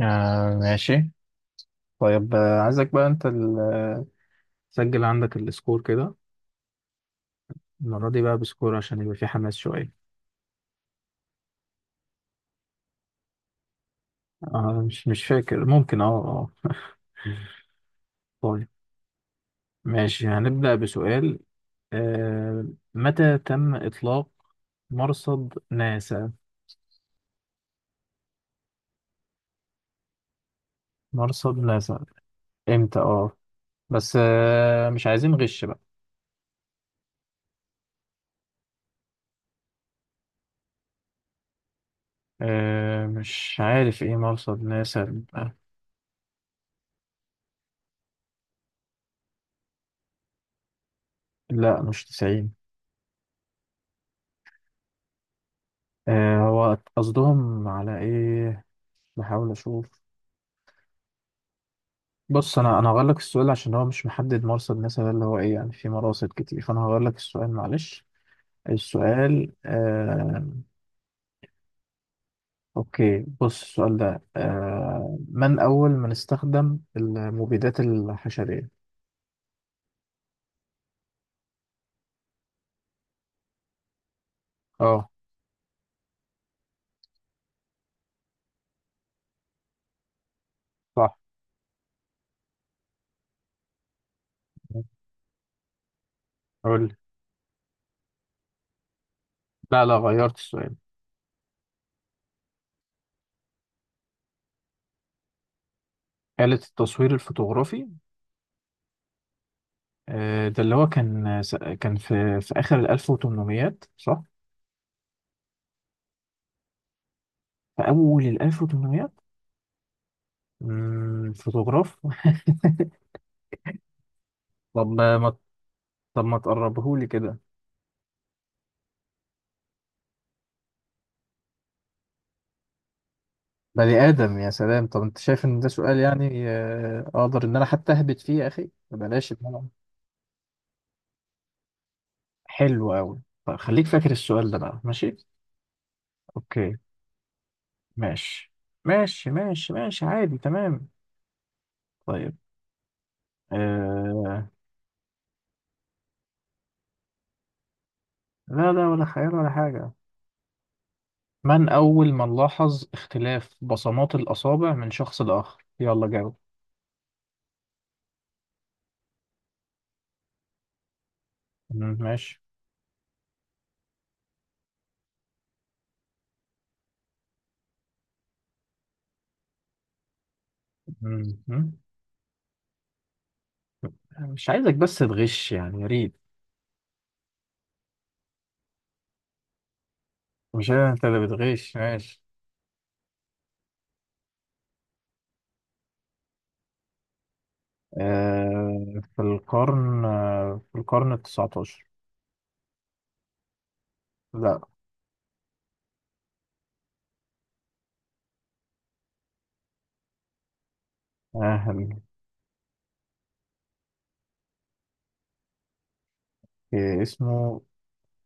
آه ماشي. طيب عايزك بقى انت تسجل عندك السكور كده. المرة دي بقى بسكور عشان يبقى في حماس شوية. مش فاكر، ممكن اه طيب ماشي هنبدأ بسؤال، آه متى تم إطلاق مرصد ناسا؟ مرصد ناسا امتى بس مش عايزين غش بقى. مش عارف ايه مرصد ناسا. لا مش 90. هو قصدهم على ايه؟ بحاول اشوف. بص انا هغير لك السؤال عشان هو مش محدد مرصد مثلا اللي هو ايه، يعني في مراصد كتير، فانا هغير لك السؤال معلش. السؤال اوكي، بص السؤال ده: من اول من استخدم المبيدات الحشرية؟ اه صح. قول لي. لا لا، غيرت السؤال. آلة التصوير الفوتوغرافي؟ ده اللي هو كان في اخر ال 1800 صح؟ في اول ال 1800. فوتوغراف طب ما طب ما تقربهولي كده. بني آدم، يا سلام. طب أنت شايف إن ده سؤال؟ يعني أقدر إن أنا حتى أهبط فيه يا أخي، بلاش إن أنا. حلو أوي. طب خليك فاكر السؤال ده بقى، ماشي. أوكي. ماشي ماشي ماشي ماشي، عادي، تمام. طيب. آه... لا لا، ولا خيال ولا حاجة. من أول من لاحظ اختلاف بصمات الأصابع من شخص لآخر؟ يلا جاوب. مم، ماشي. مم، مم. مش عايزك بس تغش يعني، يا ريت. مش أنا، أنت اللي بتغش، ماشي. في القرن التسعتاشر. لا. آه، اسمه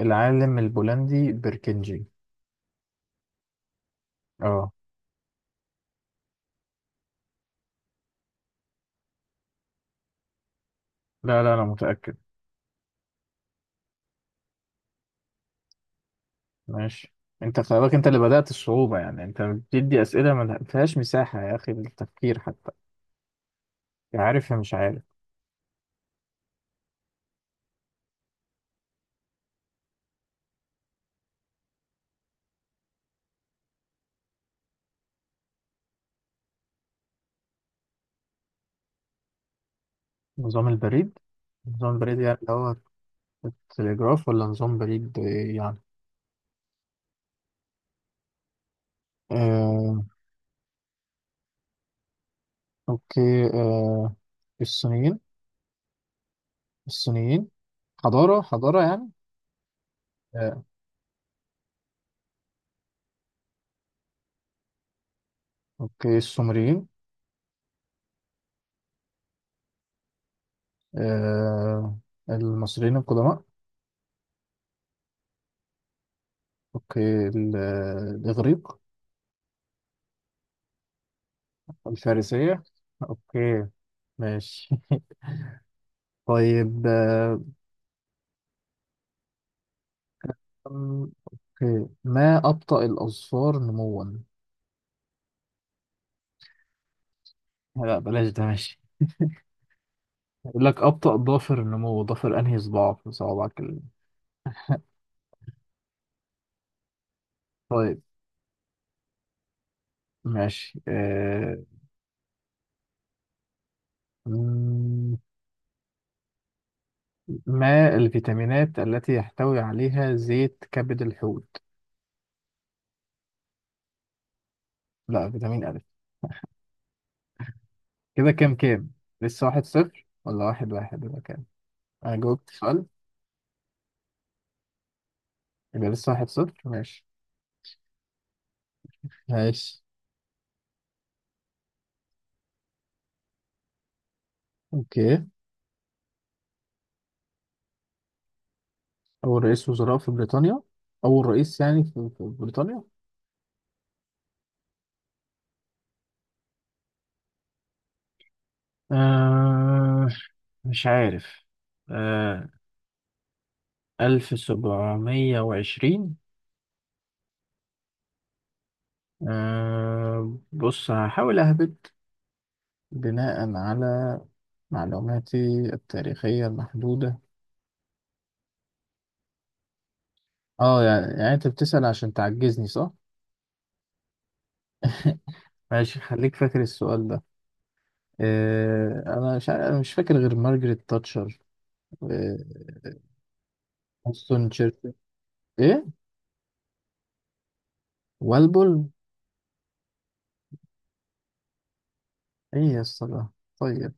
العالم البولندي بيركنجي. اه. لا لا، انا متأكد. ماشي. انت خلي بالك، انت اللي بدأت الصعوبة، يعني انت بتدي أسئلة ما فيهاش مساحة يا اخي للتفكير حتى، يا عارف يا مش عارف. نظام البريد. نظام بريد يعني اللي هو التليجراف، ولا نظام بريد يعني؟ آه، اوكي. الصينيين. الصينيين. حضارة، حضارة يعني. آه، اوكي، السومريين. آه المصريين القدماء. اوكي، الاغريق. الفارسية. اوكي، ماشي. طيب اوكي، ما أبطأ الأظفار نموا؟ لا بلاش ده، ماشي. يقول لك أبطأ ضافر النمو، ضافر أنهي صباع في صوابعك طيب ماشي. أم، ما الفيتامينات التي يحتوي عليها زيت كبد الحوت؟ لا، فيتامين أ. كده كام كام؟ لسه واحد صفر ولا واحد واحد ولا كام؟ انا جاوبت سؤال. يبقى لسه واحد صفر، ماشي. ماشي، اوكي. اول رئيس وزراء في بريطانيا. اول رئيس يعني في بريطانيا. آه مش عارف. آه ألف سبعمية وعشرين. بص هحاول أهبط بناء على معلوماتي التاريخية المحدودة. اه يعني انت بتسأل عشان تعجزني صح؟ ماشي خليك فاكر السؤال ده. انا مش عارف- أنا مش فاكر غير مارجريت تاتشر. آه، وينستون تشرشل. ايه؟ والبول؟ ايه يا اسطى ده؟ طيب.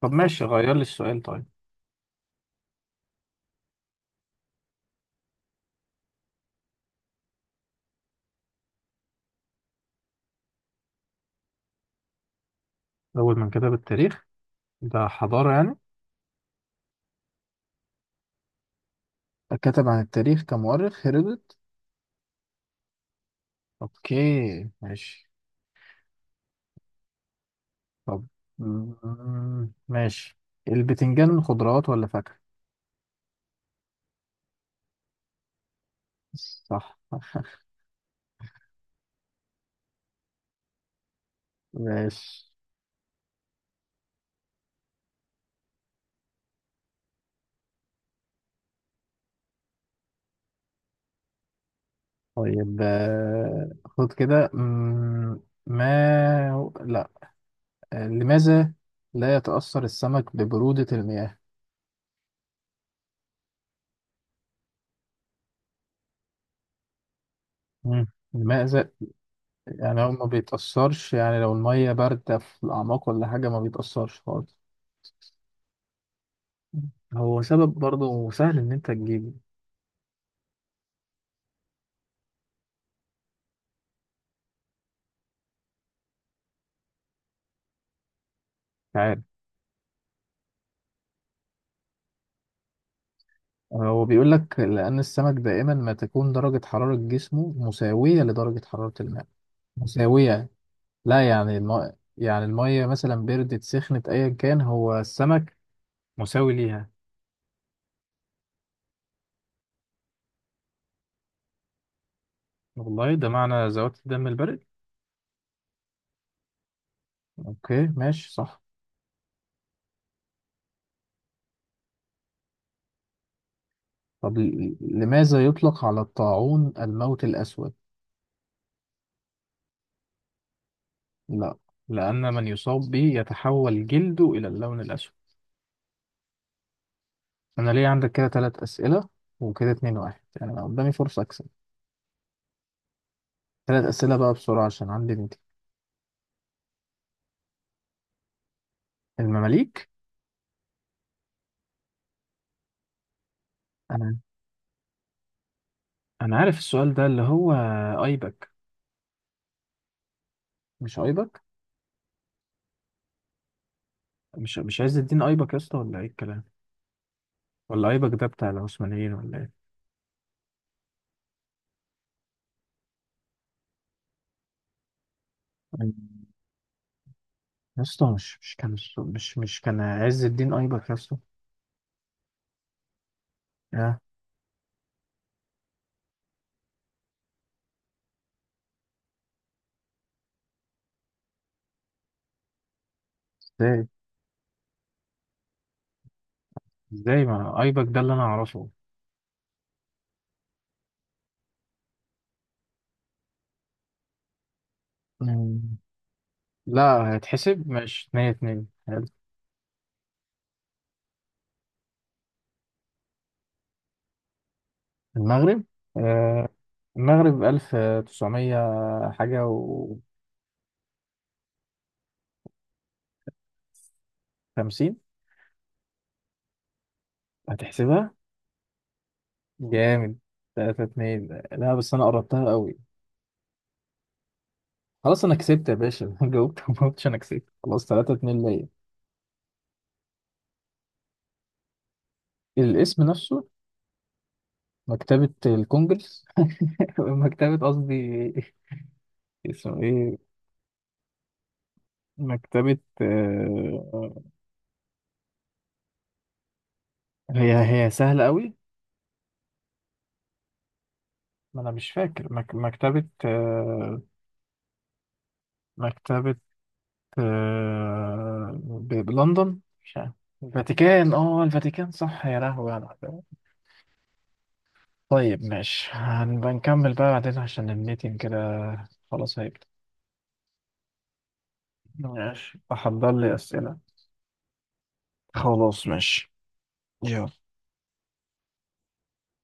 طب ماشي غير لي السؤال، طيب. اول من كتب التاريخ؟ ده حضارة يعني. كتب عن التاريخ كمؤرخ، هيرودوت. اوكي، ماشي. طب، مم، ماشي. البتنجان خضروات ولا فاكهة؟ صح ماشي. طيب خد كده. ما هو- لا، لماذا لا يتأثر السمك ببرودة المياه؟ مم. لماذا؟ يعني هو ما بيتأثرش، يعني لو المية باردة في الأعماق ولا حاجة ما بيتأثرش خالص. هو سبب برضه سهل إن أنت تجيبه. مش عارف. هو بيقول لك لأن السمك دائما ما تكون درجة حرارة جسمه مساوية لدرجة حرارة الماء. مساوية. لا يعني يعني المية مثلا بردت، سخنت، أيا كان، هو السمك مساوي ليها. والله، ده معنى ذوات الدم البارد. أوكي، ماشي، صح. طب لماذا يطلق على الطاعون الموت الأسود؟ لا، لأن من يصاب به يتحول جلده إلى اللون الأسود. أنا ليه عندك كده تلات أسئلة وكده اتنين واحد يعني؟ أنا قدامي فرصة أكسب. تلات أسئلة بقى بسرعة عشان عندي ميتنج. المماليك. أنا أنا عارف السؤال ده اللي هو أيبك. مش أيبك؟ مش عايز الدين أيبك يا اسطى، ولا إيه الكلام؟ ولا أيبك ده بتاع العثمانيين ولا إيه؟ يا اسطى مش كان، مش كان عز الدين أيبك يا اسطى. يا. ازاي؟ ازاي ما ايبك ده اللي انا اعرفه؟ مم. لا هيتحسب، مش اتنين اتنين، حلو. المغرب. آه المغرب ألف تسعمية حاجة وخمسين. هتحسبها؟ جامد. تلاتة اتنين، لا بس أنا قربتها قوي. خلاص أنا كسبت يا باشا جاوبت، ما قلتش أنا كسبت خلاص، تلاتة اتنين ليا. الاسم نفسه. مكتبة الكونجرس مكتبة قصدي. اسمه إيه؟ مكتبة هي هي سهلة قوي. ما انا مش فاكر. مكتبة بلندن، مش عارف. الفاتيكان، الفاتيكان صح، يا لهوي على الحكاية. طيب ماشي، هنبقى نكمل بقى بعدين عشان الميتنج كده خلاص هيبدأ. ماشي، أحضر لي أسئلة. خلاص ماشي. يلا.